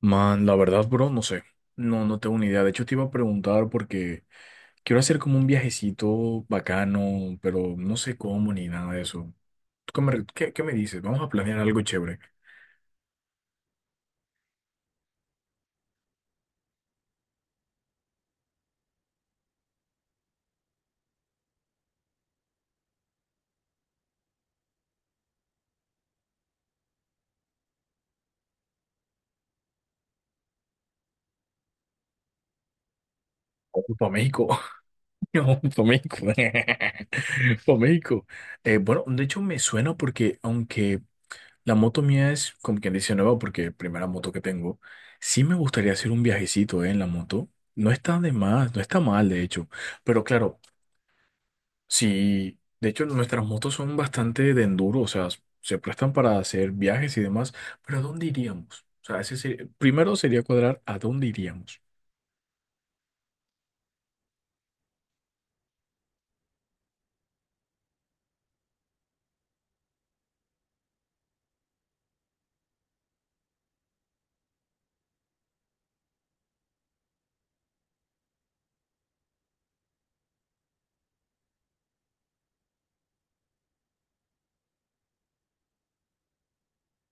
Man, la verdad, bro, no sé. No, no tengo ni idea. De hecho, te iba a preguntar porque quiero hacer como un viajecito bacano, pero no sé cómo ni nada de eso. ¿Tú qué me dices? Vamos a planear algo chévere. Para México. Para México. Para México. Bueno, de hecho, me suena porque aunque la moto mía es, como quien dice, nueva porque primera moto que tengo. Sí me gustaría hacer un viajecito, en la moto. No está de más, no está mal, de hecho. Pero claro, sí, de hecho nuestras motos son bastante de enduro, o sea, se prestan para hacer viajes y demás, pero ¿a dónde iríamos? O sea, ese sería- primero sería cuadrar a dónde iríamos.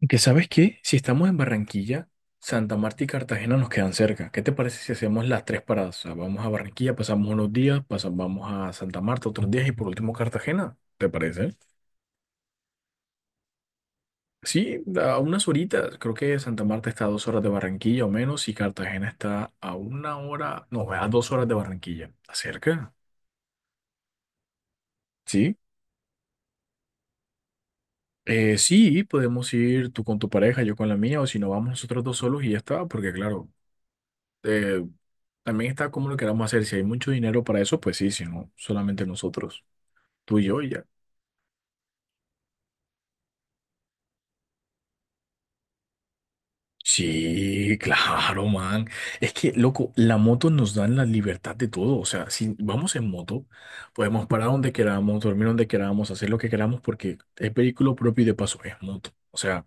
Y que sabes qué, si estamos en Barranquilla, Santa Marta y Cartagena nos quedan cerca. ¿Qué te parece si hacemos las tres paradas? O sea, vamos a Barranquilla, pasamos unos días, pasamos, vamos a Santa Marta otros días y por último Cartagena. ¿Te parece? Sí, a unas horitas. Creo que Santa Marta está a dos horas de Barranquilla o menos y Cartagena está a una hora, no, a dos horas de Barranquilla. ¿Está cerca? Sí. Sí, podemos ir tú con tu pareja, yo con la mía, o si no, vamos nosotros dos solos y ya está, porque claro. Eh, También está como lo queramos hacer. Si hay mucho dinero para eso, pues sí, si no, solamente nosotros, tú y yo y ya. Sí, claro, man. Es que, loco, la moto nos da la libertad de todo. O sea, si vamos en moto, podemos parar donde queramos, dormir donde queramos, hacer lo que queramos, porque es vehículo propio y de paso es moto. O sea,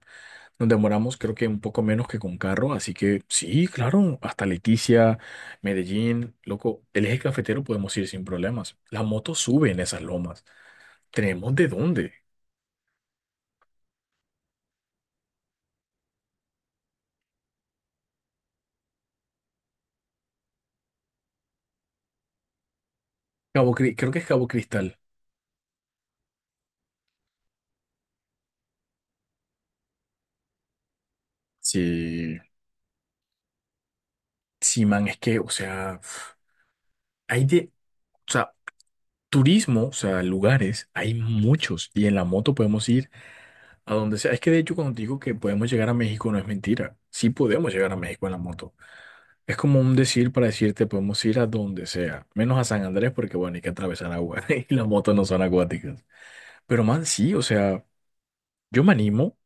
nos demoramos creo que un poco menos que con carro, así que sí, claro, hasta Leticia, Medellín, loco, el eje cafetero podemos ir sin problemas. La moto sube en esas lomas. ¿Tenemos de dónde? Creo que es Cabo Cristal. Sí, sí, man, es que, o sea, hay de, o sea, turismo, o sea, lugares, hay muchos y en la moto podemos ir a donde sea. Es que de hecho cuando te digo que podemos llegar a México no es mentira. Sí podemos llegar a México en la moto. Es como un decir para decirte podemos ir a donde sea, menos a San Andrés porque bueno, hay que atravesar agua y las motos no son acuáticas. Pero man, sí, o sea, yo me animo.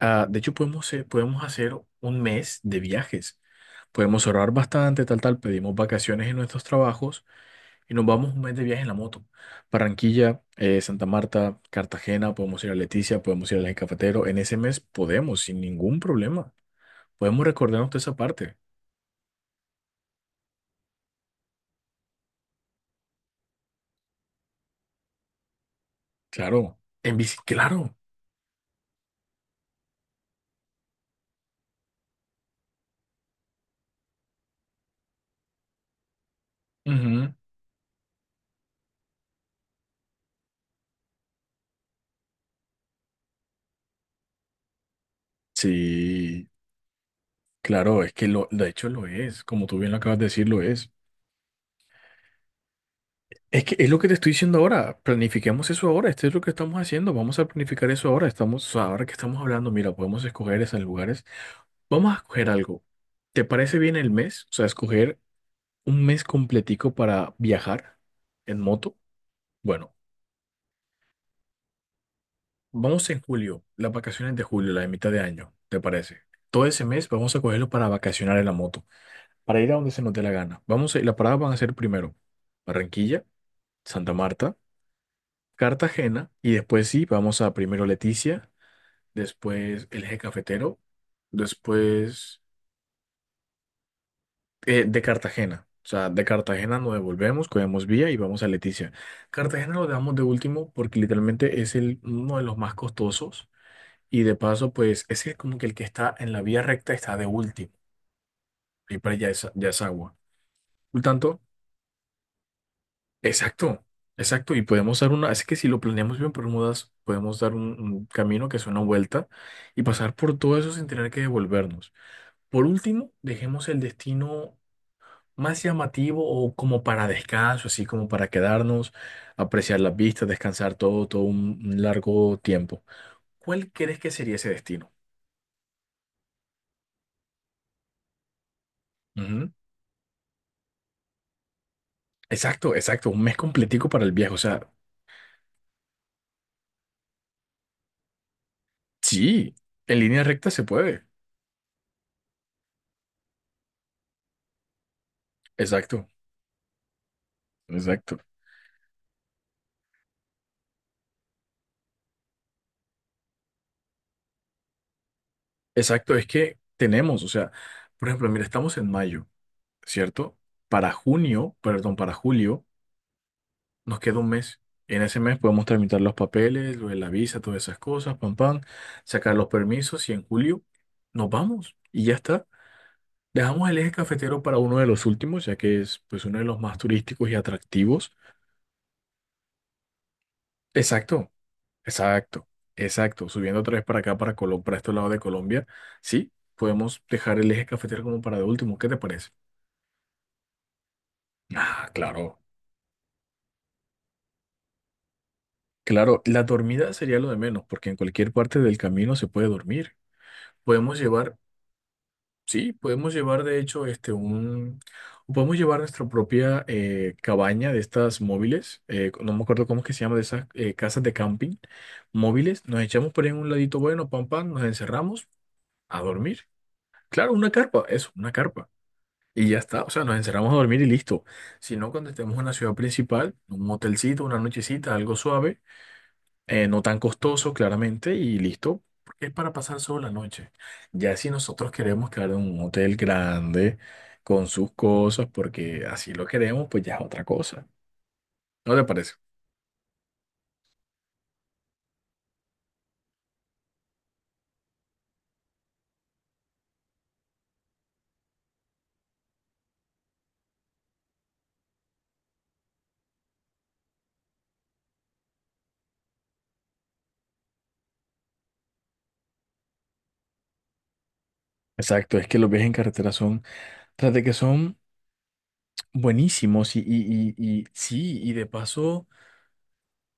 Ah, de hecho, podemos, podemos hacer un mes de viajes. Podemos ahorrar bastante, tal, tal. Pedimos vacaciones en nuestros trabajos y nos vamos un mes de viaje en la moto. Barranquilla, Santa Marta, Cartagena, podemos ir a Leticia, podemos ir al Eje Cafetero. En ese mes podemos, sin ningún problema. Podemos recordarnos de esa parte. Claro. En bici, claro. Ujú. Sí, claro, es que lo, de hecho lo es. Como tú bien lo acabas de decir, lo es. Es que es lo que te estoy diciendo ahora. Planifiquemos eso ahora. Esto es lo que estamos haciendo. Vamos a planificar eso ahora. Estamos, ahora que estamos hablando, mira, podemos escoger esos lugares. Vamos a escoger algo. ¿Te parece bien el mes? O sea, escoger un mes completico para viajar en moto. Bueno, vamos en julio, las vacaciones de julio, la de mitad de año, ¿te parece? Todo ese mes vamos a cogerlo para vacacionar en la moto, para ir a donde se nos dé la gana. Vamos a, las paradas van a ser primero Barranquilla, Santa Marta. Cartagena y después sí, vamos a primero Leticia, después el eje cafetero, después de Cartagena. O sea, de Cartagena nos devolvemos, cogemos vía y vamos a Leticia. Cartagena lo dejamos de último porque literalmente es el, uno de los más costosos y de paso pues es el- como que el que está en la vía recta está de último y para allá es, ya es agua. Por tanto, exacto, exacto. Y podemos dar una, es que si lo planeamos bien, Bermudas, podemos dar un camino que es una vuelta y pasar por todo eso sin tener que devolvernos. Por último, dejemos el destino más llamativo o como para descanso, así como para quedarnos, apreciar las vistas, descansar todo, todo un largo tiempo. ¿Cuál crees que sería ese destino? Ujú. Exacto, exacto. Un mes completico para el viaje. O sea, sí, en línea recta se puede. Exacto, exacto. Exacto, es que tenemos, o sea, por ejemplo, mira, estamos en mayo, ¿cierto? Para junio, perdón, para julio, nos queda un mes. En ese mes podemos tramitar los papeles, lo de la visa, todas esas cosas, pam, pam, sacar los permisos y en julio nos vamos y ya está. Dejamos el eje cafetero para uno de los últimos, ya que es pues uno de los más turísticos y atractivos. Exacto, exacto, exacto. Subiendo otra vez para acá, para Colombia, para este lado de Colombia, sí, podemos dejar el eje cafetero como para de último. ¿Qué te parece? Ah, claro, claro. La dormida sería lo de menos, porque en cualquier parte del camino se puede dormir. Podemos llevar, sí, podemos llevar de hecho este un, podemos llevar nuestra propia cabaña de estas móviles. No me acuerdo cómo es que se llama de esas casas de camping móviles. Nos echamos por ahí en un ladito bueno, pam pam, nos encerramos a dormir. Claro, una carpa, eso, una carpa. Y ya está, o sea, nos encerramos a dormir y listo. Si no, cuando estemos en la ciudad principal, un motelcito, una nochecita, algo suave no tan costoso, claramente, y listo, porque es para pasar solo la noche. Ya si nosotros queremos quedar en un hotel grande, con sus cosas, porque así lo queremos, pues ya es otra cosa. ¿No te parece? Exacto, es que los viajes en carretera son, tras de que son buenísimos y sí, y de paso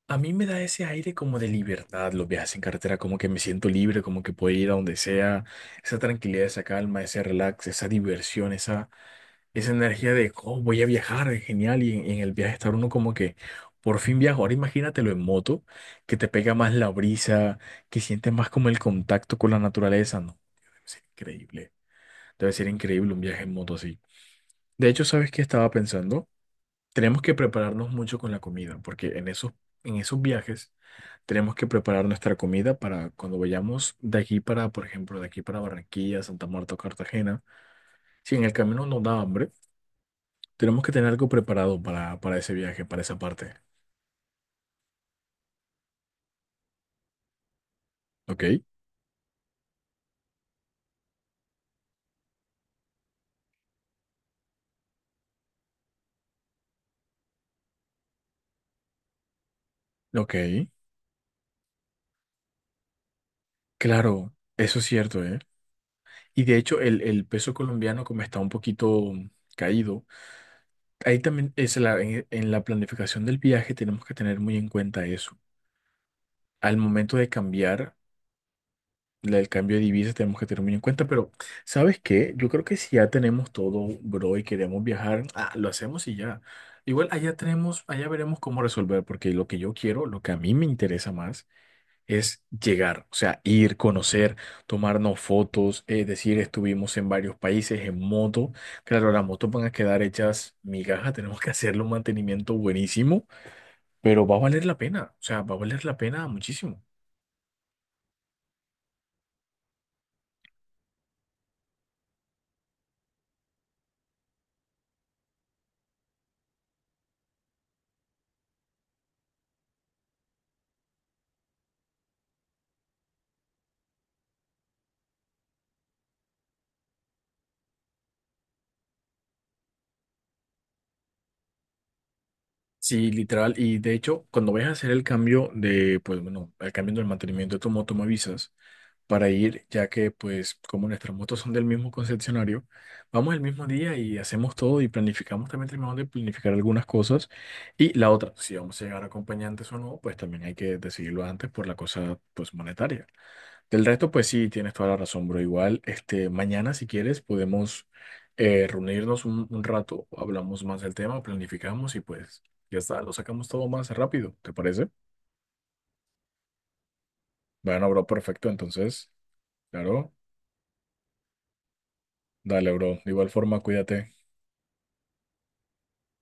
a mí me da ese aire como de libertad los viajes en carretera, como que me siento libre, como que puedo ir a donde sea, esa tranquilidad, esa calma, ese relax, esa diversión, esa energía de, oh, voy a viajar, es genial, y en el viaje estar uno como que, por fin viajo. Ahora imagínatelo en moto, que te pega más la brisa, que sientes más como el contacto con la naturaleza, no, debe ser increíble, debe ser increíble un viaje en moto así. De hecho, ¿sabes qué estaba pensando? Tenemos que prepararnos mucho con la comida, porque en esos viajes tenemos que preparar nuestra comida para cuando vayamos de aquí para, por ejemplo, de aquí para Barranquilla, Santa Marta o Cartagena. Si en el camino nos da hambre, tenemos que tener algo preparado para ese viaje, para esa parte. ¿Ok? Ok. Claro, eso es cierto, ¿eh? Y de hecho, el peso colombiano, como está un poquito caído, ahí también es la, en la planificación del viaje, tenemos que tener muy en cuenta eso. Al momento de cambiar la del cambio de divisas tenemos que tener muy en cuenta, pero ¿sabes qué? Yo creo que si ya tenemos todo, bro, y queremos viajar, ah, lo hacemos y ya. Igual allá tenemos, allá veremos cómo resolver, porque lo que yo quiero, lo que a mí me interesa más es llegar, o sea, ir, conocer, tomarnos fotos, es decir, estuvimos en varios países en moto. Claro, las motos van a quedar hechas migajas, tenemos que hacerle un mantenimiento buenísimo, pero va a valer la pena, o sea, va a valer la pena muchísimo. Sí, literal. Y de hecho, cuando vayas a hacer el cambio de, pues bueno, el cambio del mantenimiento de tu moto, me avisas para ir, ya que pues como nuestras motos son del mismo concesionario, vamos el mismo día y hacemos todo y planificamos, también tenemos de planificar algunas cosas. Y la otra, si vamos a llegar acompañantes o no, pues también hay que decidirlo antes por la cosa pues monetaria. Del resto, pues sí, tienes toda la razón, bro. Igual, este, mañana, si quieres, podemos reunirnos un rato, hablamos más del tema, planificamos y pues ya está, lo sacamos todo más rápido, ¿te parece? Bueno, bro, perfecto. Entonces, claro, dale, bro. De igual forma, cuídate.